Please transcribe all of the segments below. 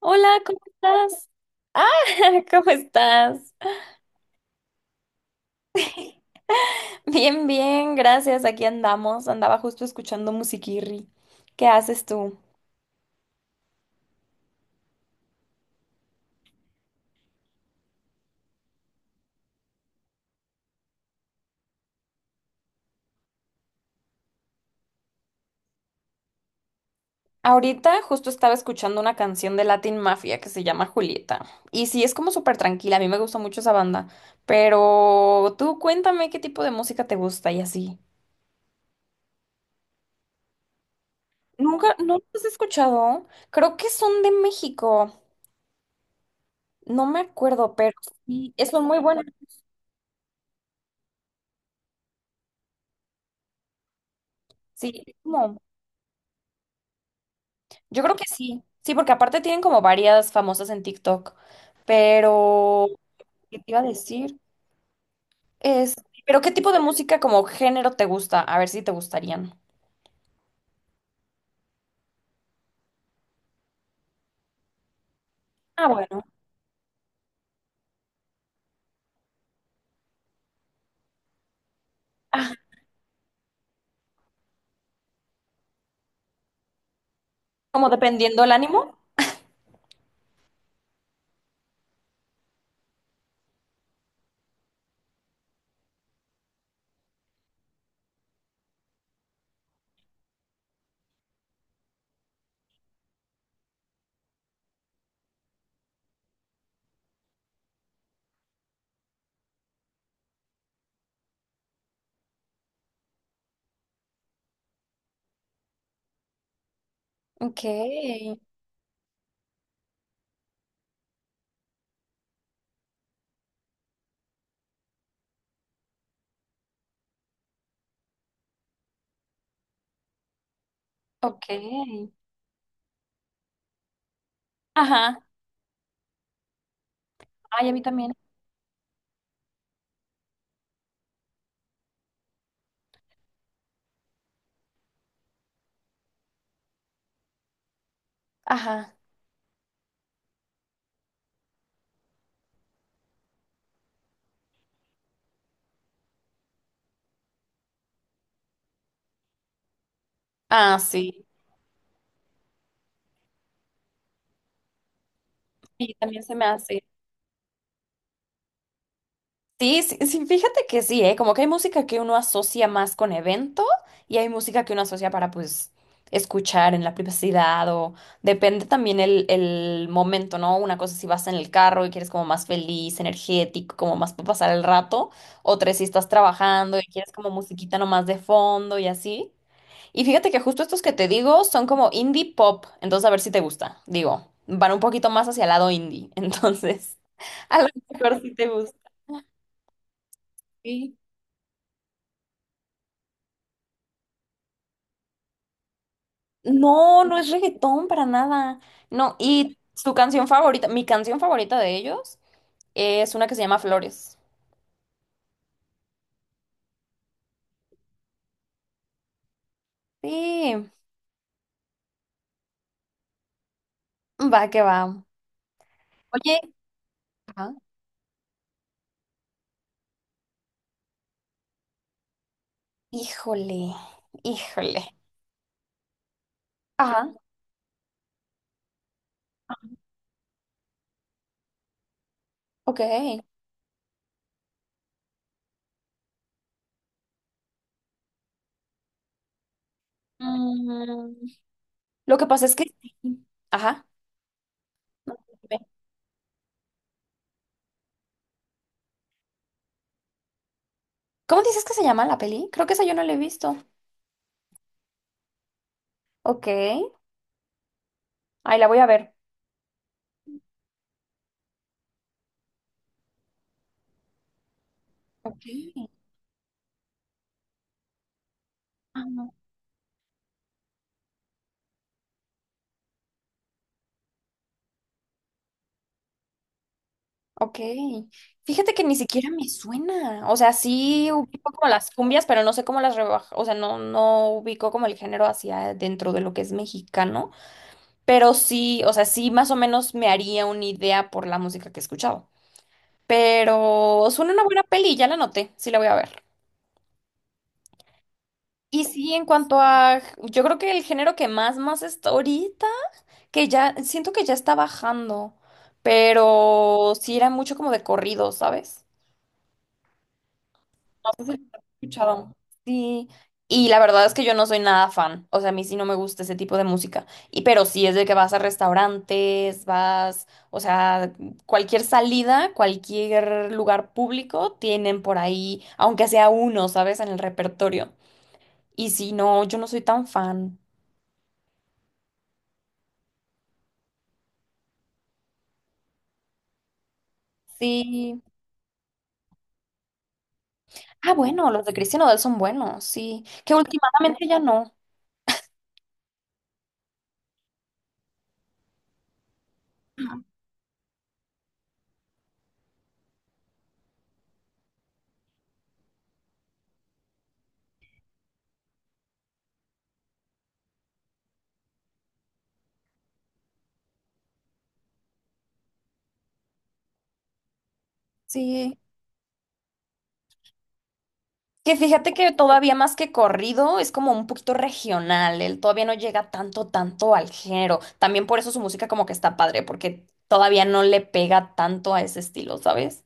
Hola, ¿cómo estás? ¿Cómo estás? Bien, bien, gracias. Aquí andamos. Andaba justo escuchando musiquirri. ¿Qué haces tú? Ahorita justo estaba escuchando una canción de Latin Mafia que se llama Julieta. Y sí, es como súper tranquila. A mí me gusta mucho esa banda. Pero tú cuéntame qué tipo de música te gusta y así. Nunca, ¿no los has escuchado? Creo que son de México. No me acuerdo, pero sí, son muy buenas. Sí, como yo creo que sí, sí, porque aparte tienen como varias famosas en TikTok, pero, ¿qué te iba a decir? Es, pero ¿qué tipo de música como género te gusta? A ver si te gustarían. Ah, bueno. Ah, como dependiendo el ánimo. Ok, ok. Ajá. Ay, a mí también. Ajá. Ah, sí. Sí, también se me hace. Sí, sí, sí, fíjate que sí, ¿eh? Como que hay música que uno asocia más con evento y hay música que uno asocia para, pues, escuchar en la privacidad o depende también el momento, ¿no? Una cosa si vas en el carro y quieres como más feliz, energético, como más para pasar el rato, otra si estás trabajando y quieres como musiquita nomás de fondo y así. Y fíjate que justo estos que te digo son como indie pop, entonces a ver si te gusta, digo, van un poquito más hacia el lado indie, entonces a lo mejor sí te gusta. Sí. No, no es reggaetón para nada. No, y su canción favorita, mi canción favorita de ellos es una que se llama Flores. Sí, va que va. Oye, ajá. Híjole, híjole. Ajá, ok. Mm, lo que pasa es que... Ajá. No, dime. ¿Cómo dices que se llama la peli? Creo que esa yo no la he visto. Ok. Ahí la voy a ver. Ok. Ok, fíjate que ni siquiera me suena, o sea, sí ubico como las cumbias, pero no sé cómo las rebaja, o sea, no, no ubico como el género hacia dentro de lo que es mexicano, pero sí, o sea, sí más o menos me haría una idea por la música que he escuchado, pero suena una buena peli, ya la noté, sí la voy a ver. Y sí, en cuanto a, yo creo que el género que más, más está ahorita, que ya, siento que ya está bajando, pero sí era mucho como de corrido, ¿sabes? Entonces, lo he escuchado. Sí, y la verdad es que yo no soy nada fan, o sea, a mí sí no me gusta ese tipo de música, y pero sí es de que vas a restaurantes, vas, o sea, cualquier salida, cualquier lugar público tienen por ahí, aunque sea uno, ¿sabes? En el repertorio. Y sí, no, yo no soy tan fan. Sí. Ah, bueno, los de Cristian Odell son buenos, sí. Que últimamente ya no. Sí. Que fíjate que todavía más que corrido es como un poquito regional, él todavía no llega tanto, tanto al género. También por eso su música como que está padre, porque todavía no le pega tanto a ese estilo, ¿sabes?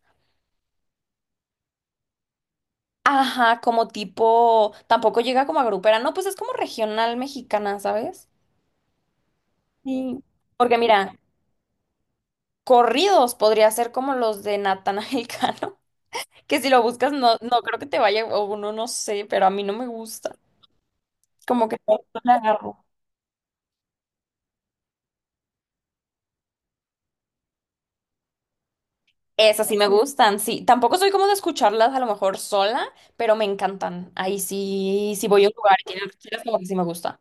Ajá, como tipo, tampoco llega como a grupera, no, pues es como regional mexicana, ¿sabes? Sí. Porque mira, corridos podría ser como los de Natanael Cano, que si lo buscas no, no creo que te vaya, o no, no sé, pero a mí no me gusta. Como que no le agarro. Esas sí me gustan, sí. Tampoco soy como de escucharlas a lo mejor sola, pero me encantan. Ahí sí, sí voy a un lugar y tienen rancheras, como que sí me gusta.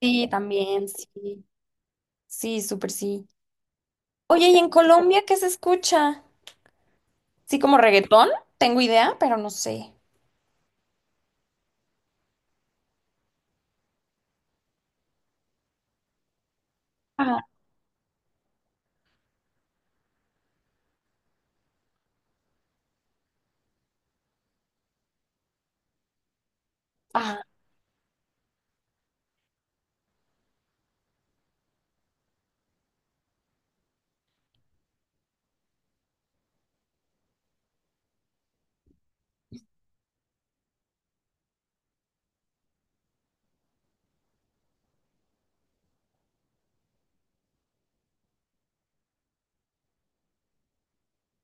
Sí, también, sí. Sí, súper sí. Oye, ¿y en Colombia qué se escucha? Sí, como reggaetón, tengo idea, pero no sé. Ajá, ajá.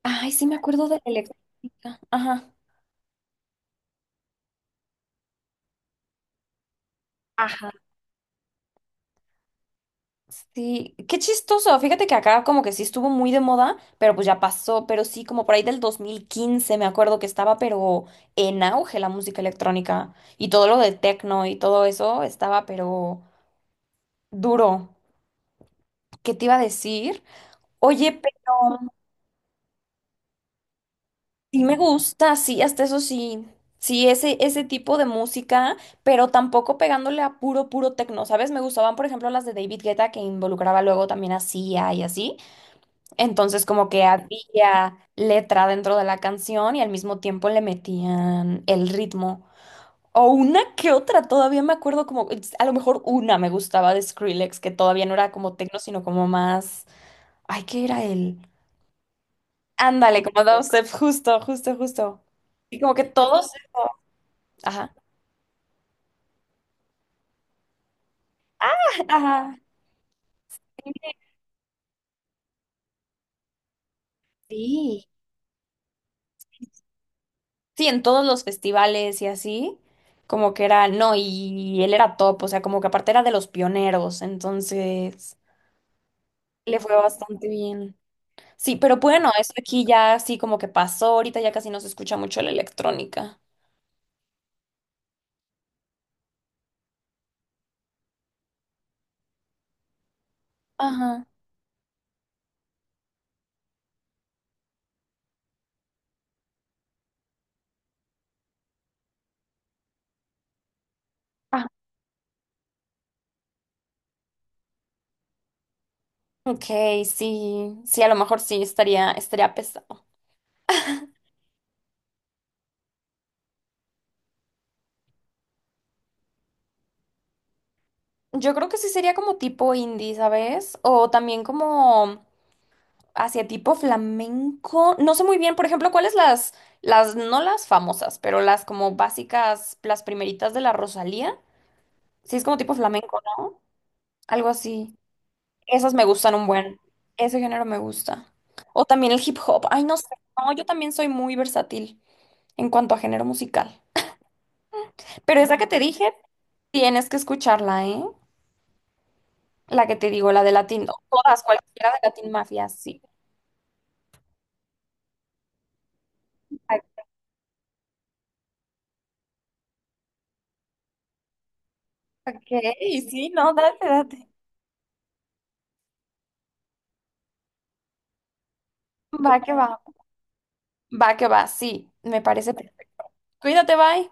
Ay, sí me acuerdo de la electrónica. Ajá. Ajá. Sí, qué chistoso. Fíjate que acá como que sí estuvo muy de moda, pero pues ya pasó. Pero sí, como por ahí del 2015 me acuerdo que estaba, pero en auge la música electrónica y todo lo de techno y todo eso estaba, pero duro. ¿Qué te iba a decir? Oye, pero sí me gusta, sí, hasta eso sí. Sí, ese tipo de música, pero tampoco pegándole a puro, puro techno, ¿sabes? Me gustaban, por ejemplo, las de David Guetta que involucraba luego también a Sia y así. Entonces como que había letra dentro de la canción y al mismo tiempo le metían el ritmo. O una que otra, todavía me acuerdo como, a lo mejor una me gustaba de Skrillex, que todavía no era como techno, sino como más, ay, ¿qué era él? Ándale, como dubstep, justo, justo, justo. Y como que todos, ajá, ajá, sí. Sí, en todos los festivales y así, como que era, no, y él era top, o sea, como que aparte era de los pioneros, entonces... Le fue bastante bien. Sí, pero bueno, eso aquí ya así como que pasó, ahorita ya casi no se escucha mucho la electrónica. Ajá. Ah, ok, sí, sí, a lo mejor sí estaría, estaría pesado. Yo creo que sí sería como tipo indie, ¿sabes? O también como hacia tipo flamenco. No sé muy bien, por ejemplo, cuáles las, no las famosas, pero las como básicas, las primeritas de la Rosalía. Sí, es como tipo flamenco, ¿no? Algo así. Esas me gustan un buen. Ese género me gusta. O también el hip hop. Ay, no sé. No, yo también soy muy versátil en cuanto a género musical. Pero esa que te dije, tienes que escucharla, ¿eh? La que te digo, la de Latin. O todas, cualquiera de Latin Mafia, sí. Ay, ok, sí, no, date, date. Va que va. Va que va, sí. Me parece perfecto. Cuídate, bye.